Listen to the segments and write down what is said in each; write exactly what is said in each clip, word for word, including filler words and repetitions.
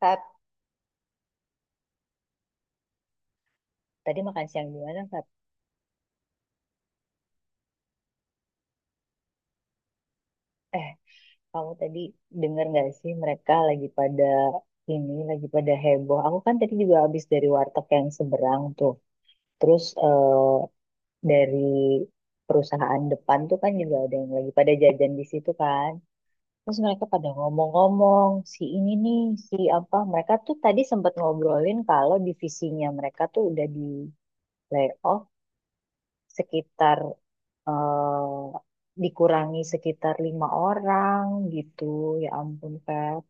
Fab, tadi makan siang di mana, Fab? Eh, kamu tadi denger nggak sih mereka lagi pada ini, lagi pada heboh. Aku kan tadi juga habis dari warteg yang seberang tuh. Terus eh, dari perusahaan depan tuh kan juga ada yang lagi pada jajan di situ kan. Terus mereka pada ngomong-ngomong, si ini nih, si apa. Mereka tuh tadi sempat ngobrolin kalau divisinya mereka tuh udah di layoff sekitar eh, dikurangi sekitar lima orang gitu. Ya ampun, Feb.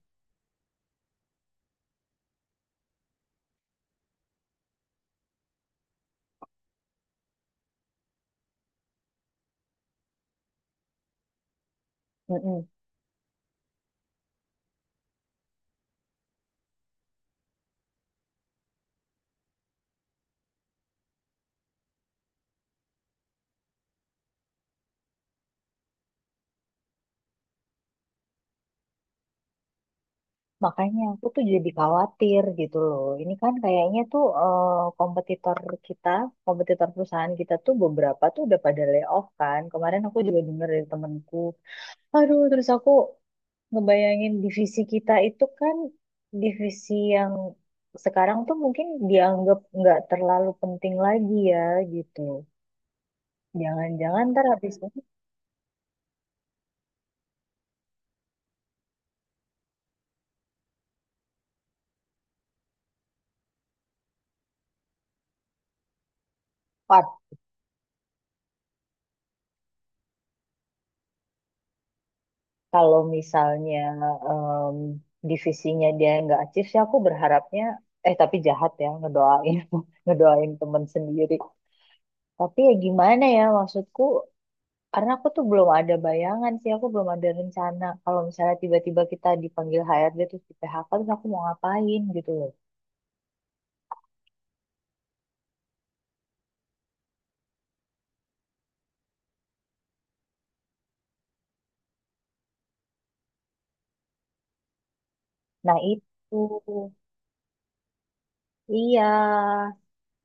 Mm-mm. Makanya aku tuh jadi khawatir gitu loh. Ini kan kayaknya tuh eh, kompetitor kita, kompetitor perusahaan kita tuh beberapa tuh udah pada layoff kan. Kemarin aku juga denger dari temenku. Aduh, terus aku ngebayangin divisi kita itu kan divisi yang sekarang tuh mungkin dianggap nggak terlalu penting lagi ya gitu. Jangan-jangan ntar habis ini, kalau misalnya em, divisinya dia nggak achieve sih aku berharapnya, eh, tapi jahat ya ngedoain ngedoain temen sendiri, tapi ya gimana ya maksudku, karena aku tuh belum ada bayangan sih, aku belum ada rencana kalau misalnya tiba-tiba kita dipanggil H R D terus di P H K terus aku mau ngapain gitu loh. Nah itu, iya,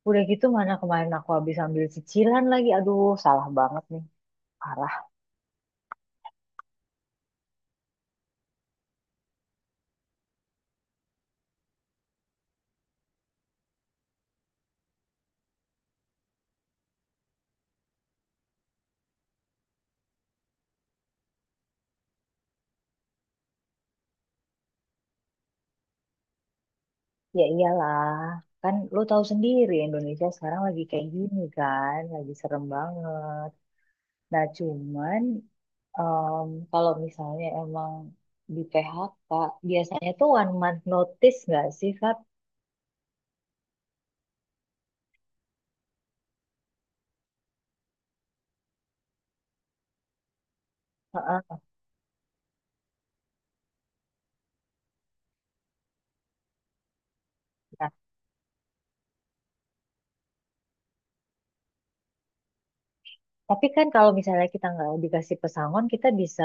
udah gitu mana kemarin aku habis ambil cicilan lagi, aduh, salah banget nih, parah. Ya iyalah, kan lo tahu sendiri Indonesia sekarang lagi kayak gini kan, lagi serem banget. Nah cuman em, kalau misalnya emang di P H K, biasanya tuh one month notice nggak sih, Fat? Heeh. Nah, tapi kan kalau misalnya kita nggak dikasih pesangon, kita bisa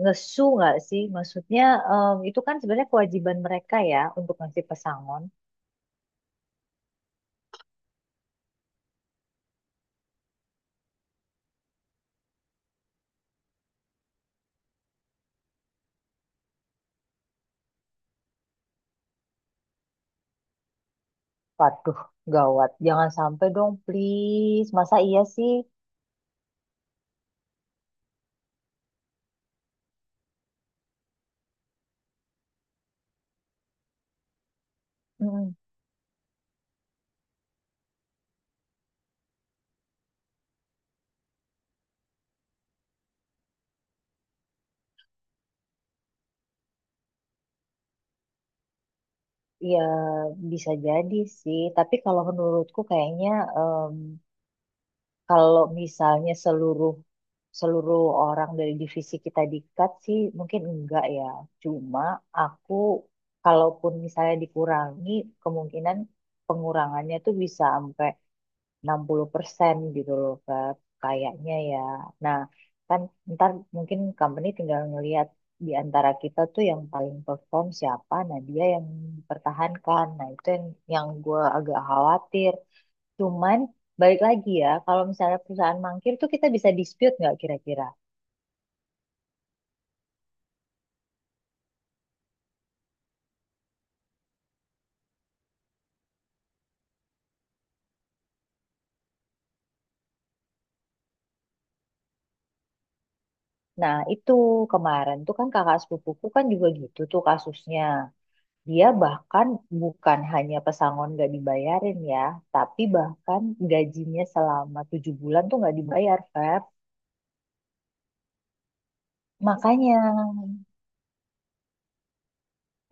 ngesu nggak sih? Maksudnya em, itu kan sebenarnya kewajiban mereka ya untuk ngasih pesangon. Waduh, gawat. Jangan sampai dong, please. Masa iya sih? Ya, bisa jadi sih. Tapi kalau menurutku kayaknya em, kalau misalnya seluruh seluruh orang dari divisi kita di-cut sih mungkin enggak ya. Cuma aku kalaupun misalnya dikurangi, kemungkinan pengurangannya tuh bisa sampai enam puluh persen gitu loh Kak. Kayaknya ya. Nah, kan ntar mungkin company tinggal ngelihat di antara kita tuh yang paling perform siapa, nah dia yang dipertahankan. Nah, itu yang yang gue agak khawatir. Cuman balik lagi ya, kalau misalnya perusahaan mangkir tuh kita bisa dispute nggak kira-kira? Nah, itu kemarin tuh kan kakak sepupuku kan juga gitu tuh kasusnya. Dia bahkan bukan hanya pesangon nggak dibayarin ya, tapi bahkan gajinya selama tujuh bulan tuh nggak dibayar, Feb. Makanya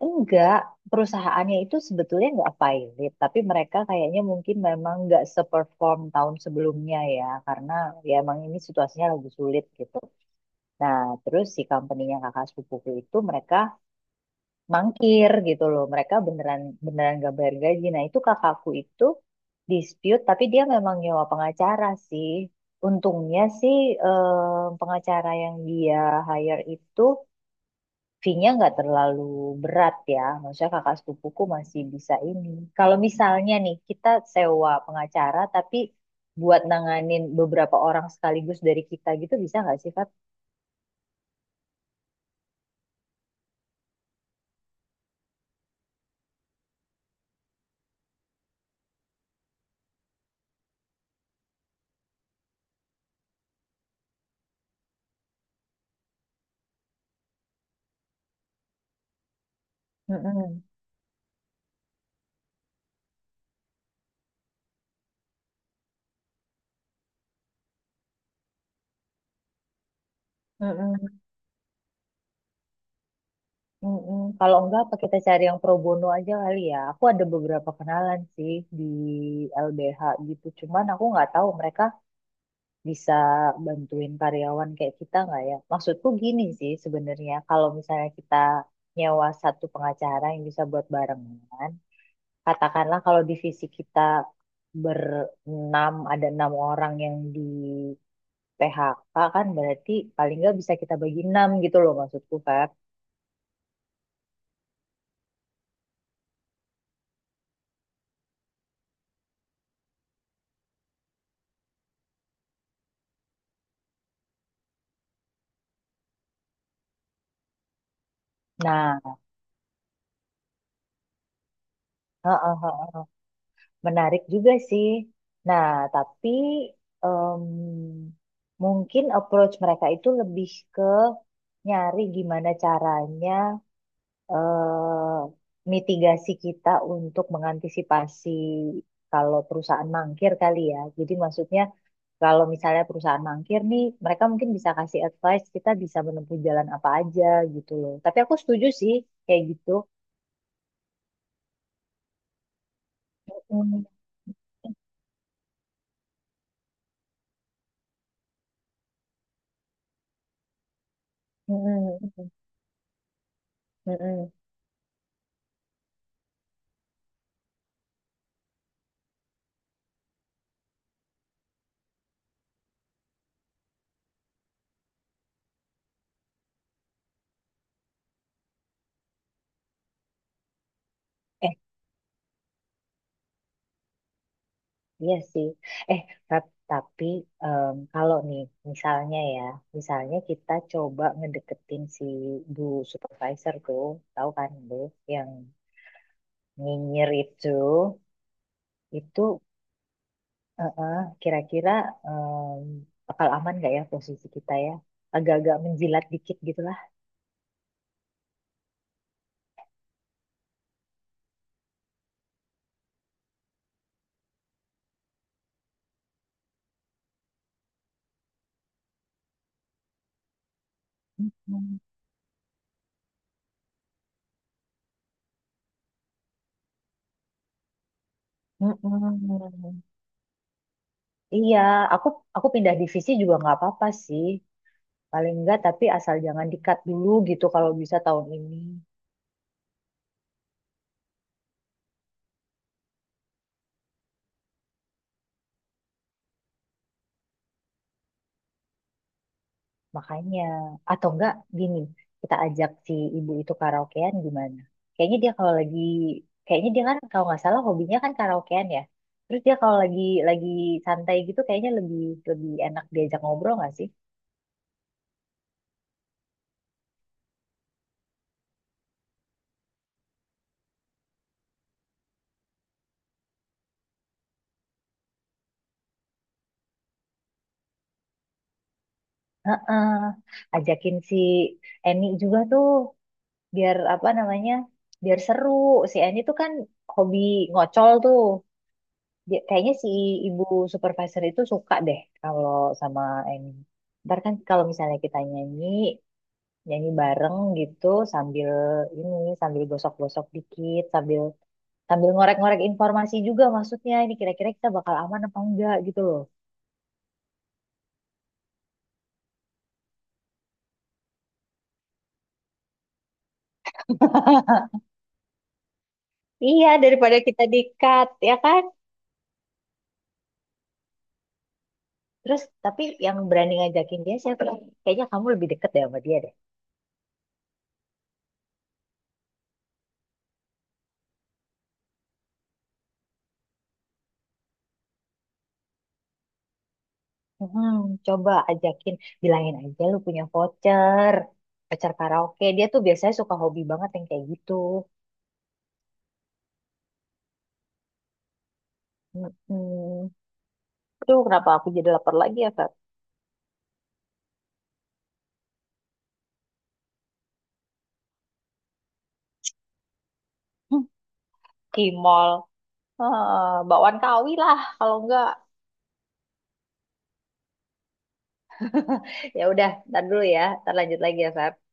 enggak, perusahaannya itu sebetulnya nggak pilot, tapi mereka kayaknya mungkin memang nggak seperform tahun sebelumnya ya, karena ya emang ini situasinya lagi sulit gitu. Nah, terus si company-nya kakak sepupuku itu mereka mangkir gitu loh. Mereka beneran, beneran gak bayar gaji. Nah, itu kakakku itu dispute tapi dia memang nyewa pengacara sih. Untungnya sih eh, pengacara yang dia hire itu fee-nya nggak terlalu berat ya. Maksudnya kakak sepupuku masih bisa ini. Kalau misalnya nih kita sewa pengacara tapi buat nanganin beberapa orang sekaligus dari kita gitu bisa nggak sih, Fat? Mm-mm. Mm-mm. Mm-mm. Kalau enggak, apa kita cari yang pro bono aja kali ya. Aku ada beberapa kenalan sih di L B H gitu. Cuman aku nggak tahu mereka bisa bantuin karyawan kayak kita nggak ya. Maksudku gini sih sebenarnya. Kalau misalnya kita nyewa satu pengacara yang bisa buat barengan, katakanlah kalau divisi kita berenam, ada enam orang yang di P H K kan berarti paling nggak bisa kita bagi enam gitu loh maksudku Feb. Nah, heeh. Heeh. Menarik juga sih. Nah, tapi em, mungkin approach mereka itu lebih ke nyari gimana caranya eh, mitigasi kita untuk mengantisipasi kalau perusahaan mangkir kali ya. Jadi maksudnya kalau misalnya perusahaan mangkir nih, mereka mungkin bisa kasih advice kita bisa menempuh jalan apa aja gitu loh. Tapi aku setuju sih kayak gitu. Mm, mm, mm, mm, mm. Iya sih. Eh, ta- tapi em, kalau nih, misalnya ya, misalnya kita coba ngedeketin si Bu Supervisor tuh, tahu kan Bu, yang nyinyir itu, itu eh, eh, kira-kira em, bakal aman nggak ya posisi kita ya? Agak-agak menjilat dikit gitu lah. Hmm. Mm-mm. Iya, aku aku pindah divisi juga nggak apa-apa sih. Paling nggak tapi asal jangan dikat dulu gitu kalau bisa tahun ini. Makanya, atau enggak gini, kita ajak si ibu itu karaokean gimana? Kayaknya dia kalau lagi, kayaknya dia kan kalau nggak salah hobinya kan karaokean ya. Terus dia kalau lagi lagi santai gitu kayaknya lebih lebih enak diajak ngobrol nggak sih? eh Ajakin si Eni juga tuh biar apa namanya? Biar seru. Si Eni tuh kan hobi ngocol tuh. Dia- kayaknya si ibu supervisor itu suka deh kalau sama Eni. Ntar kan kalau misalnya kita nyanyi, nyanyi bareng gitu sambil ini sambil gosok-gosok dikit sambil sambil ngorek-ngorek informasi juga, maksudnya ini kira-kira kita bakal aman apa enggak gitu loh. Iya, daripada kita di-cut, ya kan? Terus tapi yang berani ngajakin dia siapa, kayaknya kamu lebih deket deh sama dia deh. Hmm, coba ajakin, bilangin aja lu punya voucher voucher karaoke dia tuh biasanya suka hobi banget yang kayak gitu. Hmm, tuh kenapa aku jadi lapar lagi ya, Feb? Hmm, di mall. Eh, bakwan kawi lah kalau enggak ya udah ntar dulu ya ntar lanjut lagi ya Feb.